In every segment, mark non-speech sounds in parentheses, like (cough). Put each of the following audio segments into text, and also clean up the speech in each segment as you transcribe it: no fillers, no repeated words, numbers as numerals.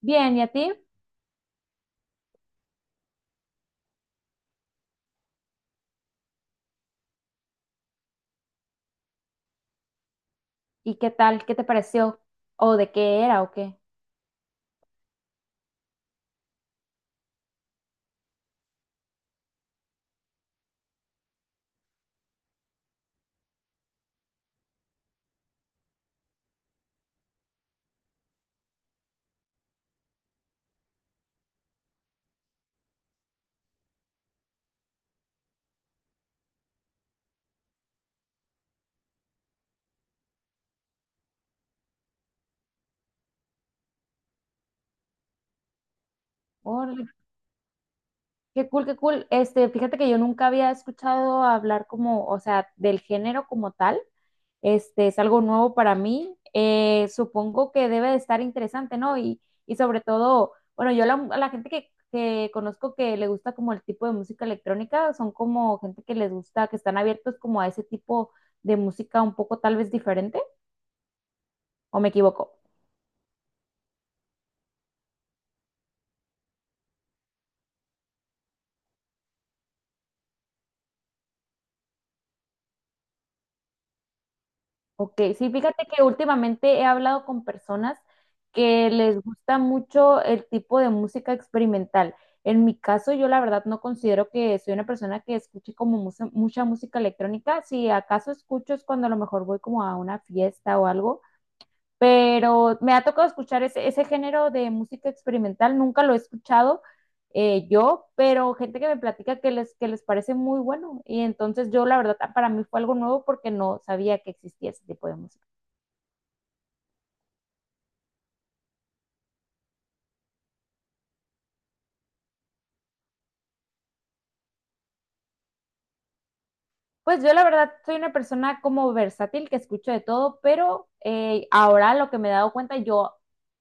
Bien, ¿y a ti? ¿Y qué tal? ¿Qué te pareció? ¿O de qué era o qué? Órale, qué cool, qué cool. Fíjate que yo nunca había escuchado hablar como, o sea, del género como tal. Es algo nuevo para mí. Supongo que debe de estar interesante, ¿no? Y sobre todo, bueno, a la gente que conozco que le gusta como el tipo de música electrónica, son como gente que les gusta, que están abiertos como a ese tipo de música un poco tal vez diferente, ¿o me equivoco? Ok, sí, fíjate que últimamente he hablado con personas que les gusta mucho el tipo de música experimental. En mi caso, yo la verdad no considero que soy una persona que escuche como mucha, mucha música electrónica. Si acaso escucho es cuando a lo mejor voy como a una fiesta o algo, pero me ha tocado escuchar ese género de música experimental. Nunca lo he escuchado yo, pero gente que me platica que les parece muy bueno. Y entonces yo la verdad para mí fue algo nuevo porque no sabía que existía ese tipo de música. Pues yo la verdad soy una persona como versátil que escucho de todo, pero ahora lo que me he dado cuenta, yo,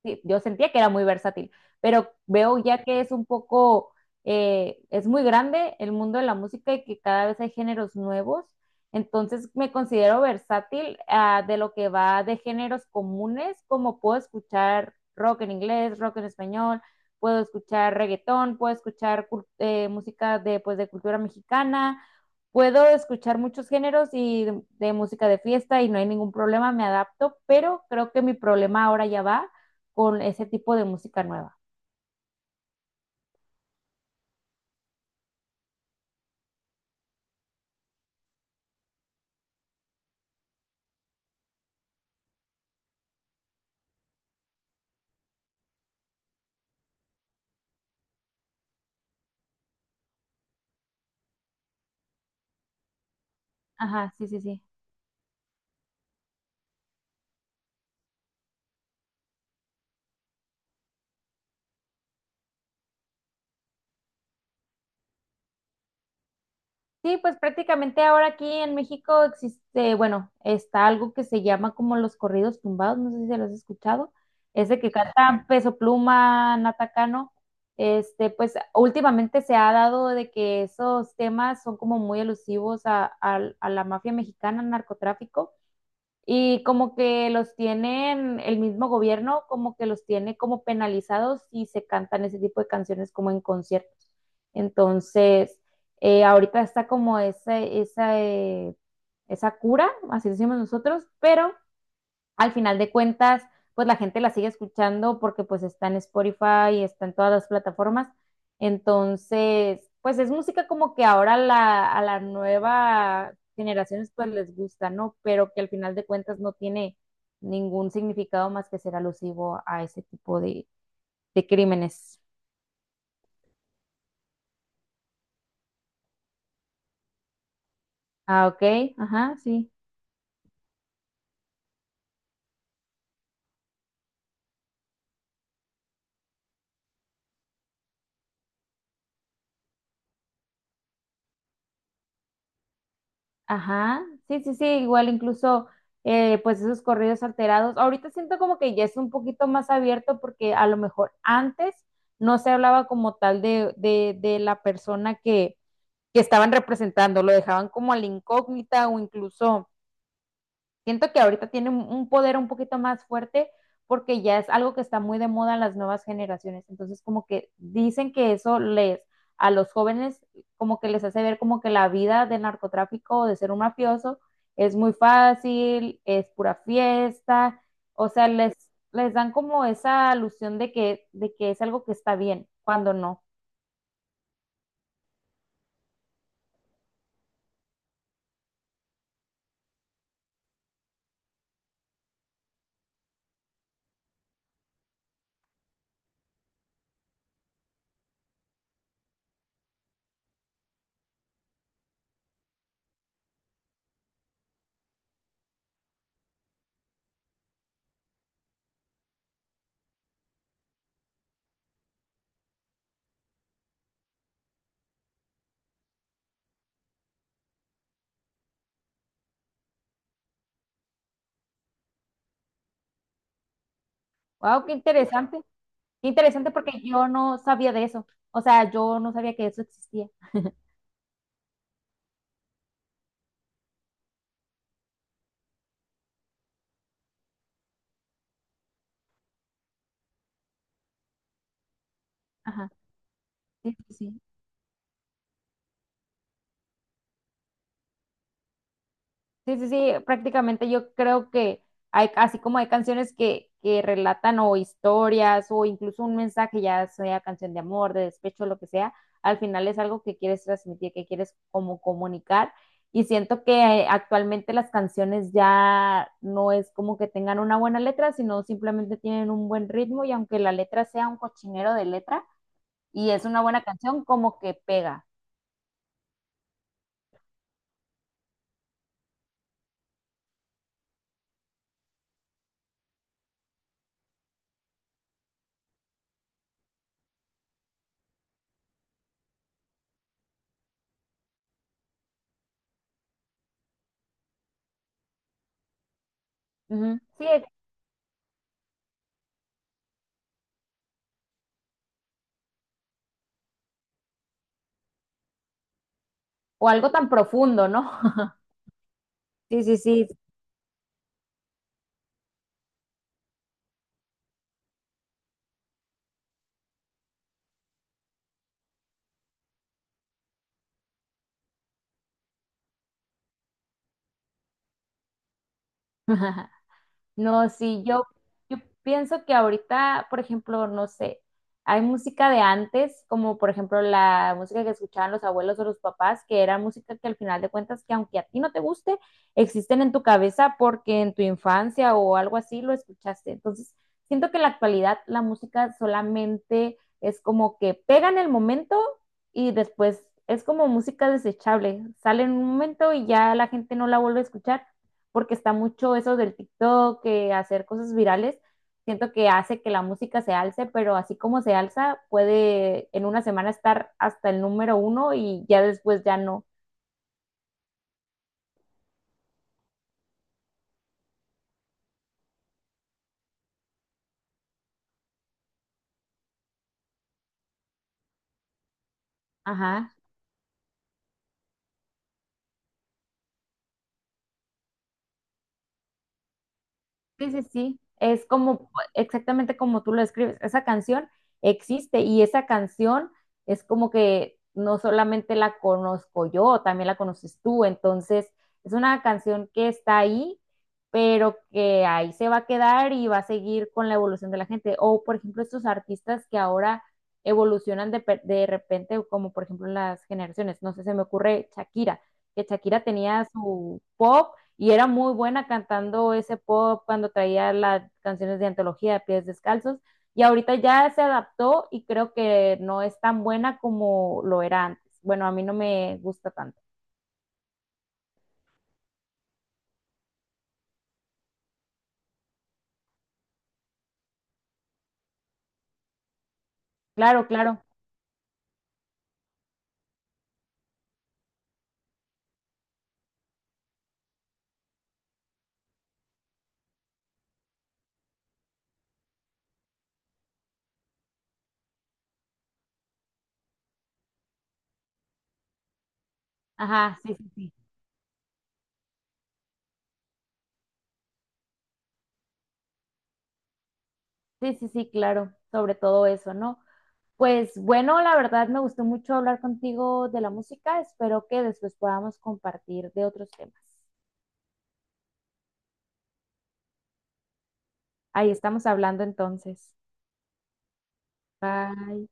sí, yo sentía que era muy versátil, pero veo ya que es un poco, es muy grande el mundo de la música y que cada vez hay géneros nuevos, entonces me considero versátil ah, de lo que va de géneros comunes, como puedo escuchar rock en inglés, rock en español, puedo escuchar reggaetón, puedo escuchar música pues, de cultura mexicana, puedo escuchar muchos géneros y de música de fiesta y no hay ningún problema, me adapto, pero creo que mi problema ahora ya va con ese tipo de música nueva. Ajá, sí, sí, sí. Sí, pues prácticamente ahora aquí en México existe, bueno, está algo que se llama como los corridos tumbados, no sé si se los has escuchado, ese que cantan Peso Pluma, Nata Cano, este, pues últimamente se ha dado de que esos temas son como muy elusivos a la mafia mexicana, al narcotráfico. Y como que los tienen, el mismo gobierno como que los tiene como penalizados si se cantan ese tipo de canciones como en conciertos. Entonces, ahorita está como esa cura, así decimos nosotros, pero al final de cuentas, pues la gente la sigue escuchando porque pues está en Spotify y está en todas las plataformas. Entonces, pues es música como que ahora a las nuevas generaciones pues les gusta, ¿no? Pero que al final de cuentas no tiene ningún significado más que ser alusivo a ese tipo de crímenes. Ah, ok, ajá, sí. Ajá, sí, sí, sí, igual incluso pues esos corridos alterados. Ahorita siento como que ya es un poquito más abierto porque a lo mejor antes no se hablaba como tal de la persona que estaban representando, lo dejaban como a la incógnita o incluso siento que ahorita tiene un- poder un poquito más fuerte porque ya es algo que está muy de moda en las nuevas generaciones. Entonces, como que dicen que eso les, a los jóvenes, como que les hace ver como que la vida de narcotráfico o de ser un mafioso es muy fácil, es pura fiesta. O sea, les dan como esa alusión de que es algo que está bien, cuando no. Wow, qué interesante. Qué interesante porque yo no sabía de eso. O sea, yo no sabía que eso existía. (laughs) Ajá. Sí, sí, sí. Sí, sí, sí, prácticamente yo creo que hay, así como hay canciones que relatan o historias o incluso un mensaje, ya sea canción de amor, de despecho, lo que sea, al final es algo que quieres transmitir, que quieres como comunicar. Y siento que actualmente las canciones ya no es como que tengan una buena letra, sino simplemente tienen un buen ritmo y aunque la letra sea un cochinero de letra y es una buena canción, como que pega. Ujú. Sí, o algo tan profundo, ¿no? (laughs) Sí, sí, sí. (laughs) No, sí, yo pienso que ahorita, por ejemplo, no sé, hay música de antes, como por ejemplo la música que escuchaban los abuelos o los papás, que era música que al final de cuentas, que aunque a ti no te guste, existen en tu cabeza porque en tu infancia o algo así lo escuchaste. Entonces, siento que en la actualidad la música solamente es como que pega en el momento y después es como música desechable, sale en un momento y ya la gente no la vuelve a escuchar porque está mucho eso del TikTok, que hacer cosas virales, siento que hace que la música se alce, pero así como se alza, puede en una semana estar hasta el número 1 y ya después ya no. Ajá. Sí, sí, sí, es como exactamente como tú lo escribes. Esa canción existe y esa canción es como que no solamente la conozco yo, también la conoces tú. Entonces, es una canción que está ahí, pero que ahí se va a quedar y va a seguir con la evolución de la gente. O, por ejemplo, estos artistas que ahora evolucionan de, pe- de repente, como por ejemplo las generaciones. No sé, se me ocurre Shakira, que Shakira tenía su pop y era muy buena cantando ese pop cuando traía las canciones de antología de Pies Descalzos y ahorita ya se adaptó y creo que no es tan buena como lo era antes. Bueno, a mí no me gusta tanto. Claro, claro. Ajá, sí, sí, sí. Sí, sí, sí, claro. Sobre todo eso, ¿no? Pues bueno, la verdad me gustó mucho hablar contigo de la música. Espero que después podamos compartir de otros temas. Ahí estamos hablando entonces. Bye.